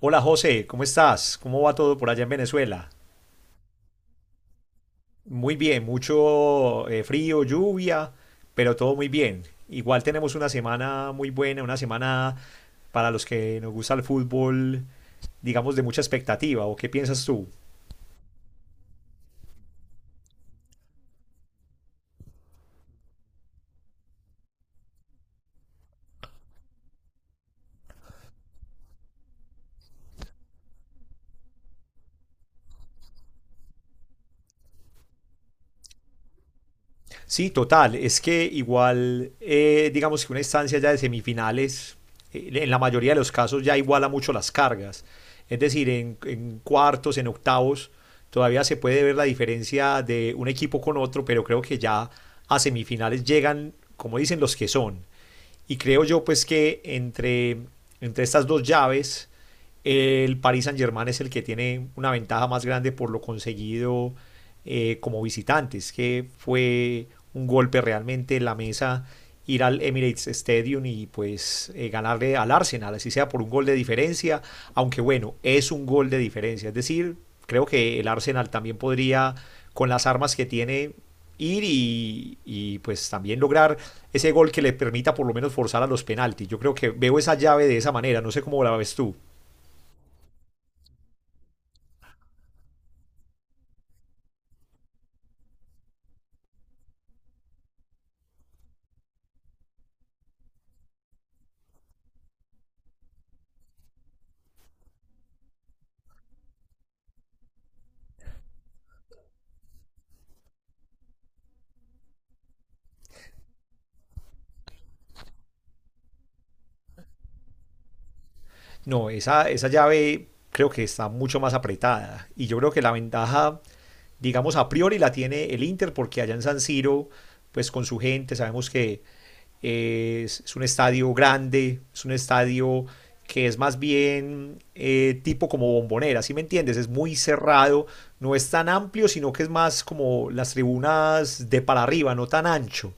Hola José, ¿cómo estás? ¿Cómo va todo por allá en Venezuela? Muy bien, mucho frío, lluvia, pero todo muy bien. Igual tenemos una semana muy buena, una semana para los que nos gusta el fútbol, digamos, de mucha expectativa. ¿O qué piensas tú? Sí, total. Es que igual, digamos que una instancia ya de semifinales, en la mayoría de los casos ya iguala mucho las cargas. Es decir, en cuartos, en octavos, todavía se puede ver la diferencia de un equipo con otro, pero creo que ya a semifinales llegan, como dicen, los que son. Y creo yo pues que entre estas dos llaves el Paris Saint-Germain es el que tiene una ventaja más grande por lo conseguido como visitantes, que fue un golpe realmente en la mesa ir al Emirates Stadium y pues ganarle al Arsenal, así sea por un gol de diferencia, aunque bueno, es un gol de diferencia, es decir, creo que el Arsenal también podría con las armas que tiene ir y pues también lograr ese gol que le permita por lo menos forzar a los penaltis. Yo creo que veo esa llave de esa manera, no sé cómo la ves tú. No, esa llave creo que está mucho más apretada. Y yo creo que la ventaja digamos, a priori la tiene el Inter, porque allá en San Siro, pues con su gente, sabemos que es un estadio grande, es un estadio que es más bien tipo como bombonera, ¿sí me entiendes? Es muy cerrado, no es tan amplio, sino que es más como las tribunas de para arriba, no tan ancho.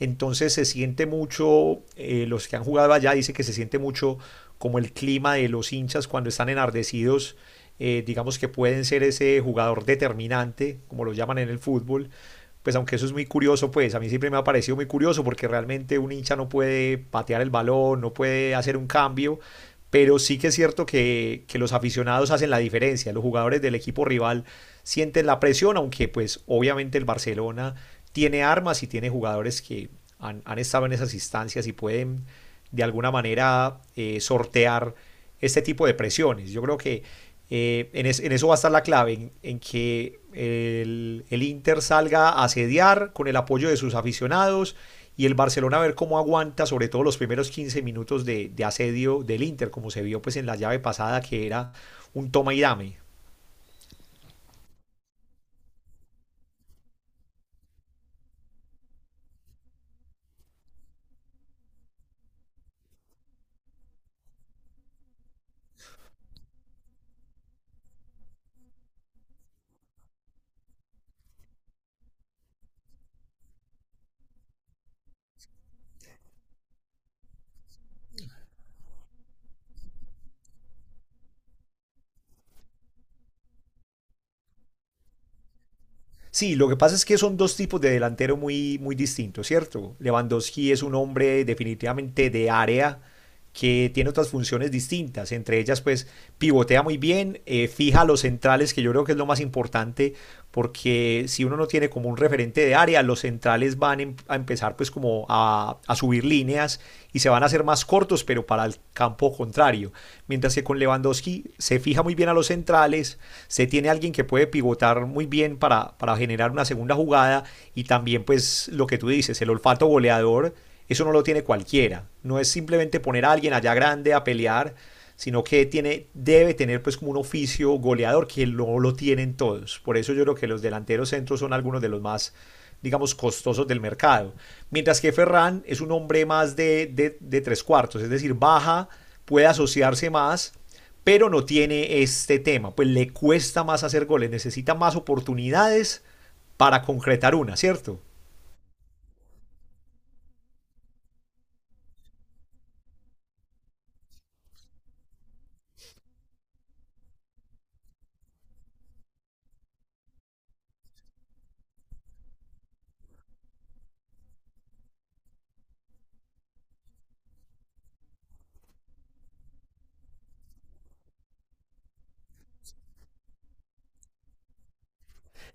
Entonces se siente mucho, los que han jugado allá dicen que se siente mucho como el clima de los hinchas cuando están enardecidos digamos que pueden ser ese jugador determinante, como lo llaman en el fútbol. Pues aunque eso es muy curioso, pues a mí siempre me ha parecido muy curioso porque realmente un hincha no puede patear el balón, no puede hacer un cambio, pero sí que es cierto que los aficionados hacen la diferencia. Los jugadores del equipo rival sienten la presión, aunque pues obviamente el Barcelona tiene armas y tiene jugadores que han estado en esas instancias y pueden de alguna manera sortear este tipo de presiones. Yo creo que eso va a estar la clave, en que el Inter salga a asediar con el apoyo de sus aficionados y el Barcelona a ver cómo aguanta, sobre todo los primeros 15 minutos de asedio del Inter, como se vio pues en la llave pasada que era un toma y dame. Sí, lo que pasa es que son dos tipos de delantero muy, muy distintos, ¿cierto? Lewandowski es un hombre definitivamente de área que tiene otras funciones distintas, entre ellas pues pivotea muy bien, fija los centrales, que yo creo que es lo más importante, porque si uno no tiene como un referente de área, los centrales van a empezar pues como a subir líneas y se van a hacer más cortos, pero para el campo contrario. Mientras que con Lewandowski se fija muy bien a los centrales, se tiene alguien que puede pivotar muy bien para generar una segunda jugada y también pues lo que tú dices, el olfato goleador, eso no lo tiene cualquiera. No es simplemente poner a alguien allá grande a pelear, sino que tiene, debe tener pues como un oficio goleador que no lo tienen todos. Por eso yo creo que los delanteros centros son algunos de los más, digamos, costosos del mercado. Mientras que Ferran es un hombre más de tres cuartos, es decir, baja, puede asociarse más, pero no tiene este tema, pues le cuesta más hacer goles, necesita más oportunidades para concretar una, ¿cierto?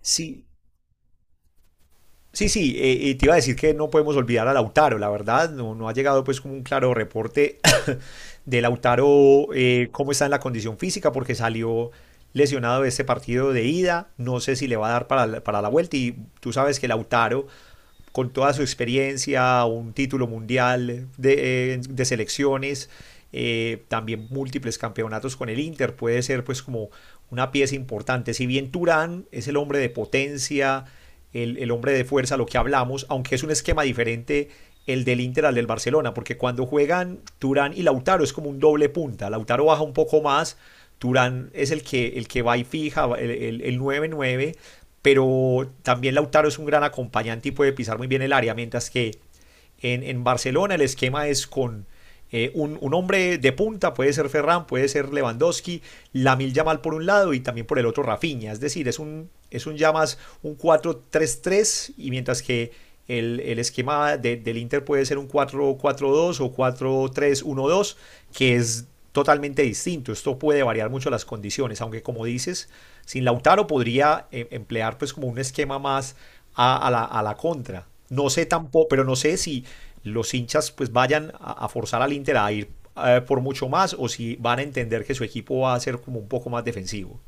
Sí, Sí, sí, y te iba a decir que no podemos olvidar a Lautaro, la verdad, no, no ha llegado pues como un claro reporte de Lautaro, cómo está en la condición física, porque salió lesionado de este partido de ida. No sé si le va a dar para la vuelta. Y tú sabes que Lautaro con toda su experiencia, un título mundial de selecciones, también múltiples campeonatos con el Inter, puede ser pues como una pieza importante. Si bien Turán es el hombre de potencia, el hombre de fuerza, lo que hablamos, aunque es un esquema diferente el del Inter al del Barcelona, porque cuando juegan Turán y Lautaro es como un doble punta, Lautaro baja un poco más, Turán es el que va y fija, el nueve 9 pero también Lautaro es un gran acompañante y puede pisar muy bien el área, mientras que en Barcelona el esquema es con un hombre de punta, puede ser Ferran, puede ser Lewandowski, Lamil Yamal por un lado y también por el otro Rafinha. Es decir, es un ya más un 4-3-3 y mientras que el esquema del Inter puede ser un 4-4-2 o 4-3-1-2, que es totalmente distinto. Esto puede variar mucho las condiciones, aunque como dices, sin Lautaro podría emplear pues como un esquema más a la contra no sé tampoco, pero no sé si los hinchas pues vayan a forzar al Inter a ir por mucho más o si van a entender que su equipo va a ser como un poco más defensivo.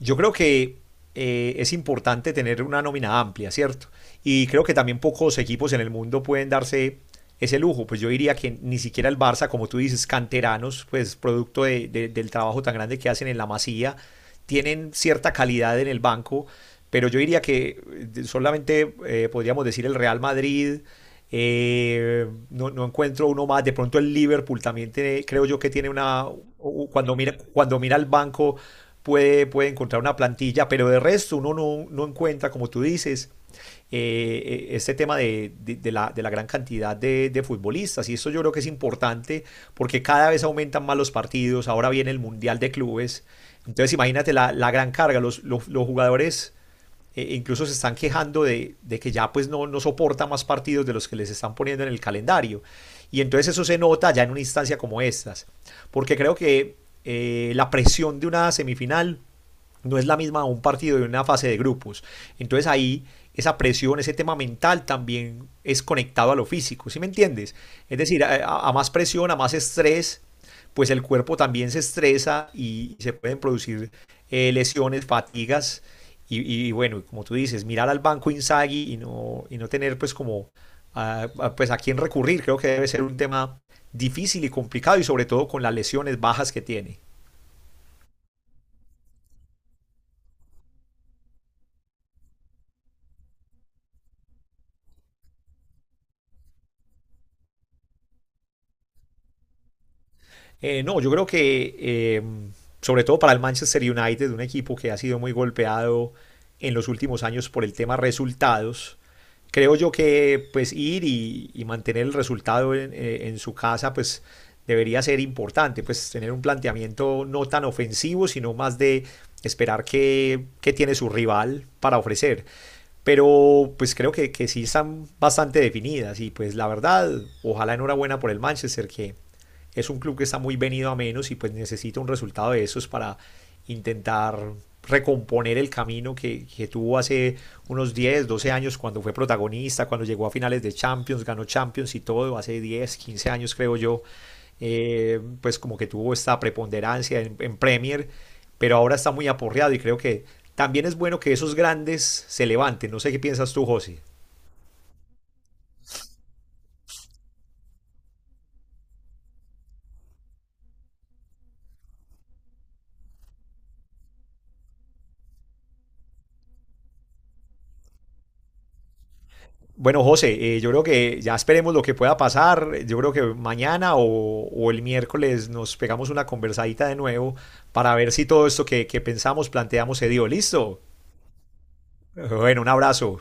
Yo creo que es importante tener una nómina amplia, ¿cierto? Y creo que también pocos equipos en el mundo pueden darse ese lujo. Pues yo diría que ni siquiera el Barça, como tú dices, canteranos, pues producto del trabajo tan grande que hacen en la masía, tienen cierta calidad en el banco, pero yo diría que solamente podríamos decir el Real Madrid, no, no encuentro uno más. De pronto el Liverpool también tiene, creo yo que tiene una, cuando mira el banco puede encontrar una plantilla, pero de resto uno no, no encuentra, como tú dices, este tema de la gran cantidad de futbolistas. Y eso yo creo que es importante porque cada vez aumentan más los partidos. Ahora viene el Mundial de Clubes. Entonces imagínate la gran carga. Los jugadores incluso se están quejando de que ya pues no, no soporta más partidos de los que les están poniendo en el calendario. Y entonces eso se nota ya en una instancia como estas. Porque creo que la presión de una semifinal no es la misma un partido de una fase de grupos. Entonces ahí esa presión, ese tema mental también es conectado a lo físico, ¿sí me entiendes? Es decir, a más presión, a más estrés, pues el cuerpo también se estresa y se pueden producir lesiones, fatigas. Y bueno, como tú dices, mirar al banco Inzaghi y no tener pues como a, a quién recurrir, creo que debe ser un tema difícil y complicado y sobre todo con las lesiones bajas que tiene. No, yo creo que sobre todo para el Manchester United, un equipo que ha sido muy golpeado en los últimos años por el tema resultados, creo yo que pues ir y mantener el resultado en su casa pues debería ser importante, pues tener un planteamiento no tan ofensivo, sino más de esperar qué, tiene su rival para ofrecer. Pero pues creo que sí están bastante definidas y pues la verdad, ojalá enhorabuena por el Manchester que es un club que está muy venido a menos y pues necesita un resultado de esos para intentar recomponer el camino que tuvo hace unos 10, 12 años cuando fue protagonista, cuando llegó a finales de Champions, ganó Champions y todo, hace 10, 15 años creo yo, pues como que tuvo esta preponderancia en Premier, pero ahora está muy aporreado y creo que también es bueno que esos grandes se levanten. No sé qué piensas tú, José. Bueno, José, yo creo que ya esperemos lo que pueda pasar. Yo creo que mañana o el miércoles nos pegamos una conversadita de nuevo para ver si todo esto que pensamos, planteamos, se dio. ¿Listo? Bueno, un abrazo.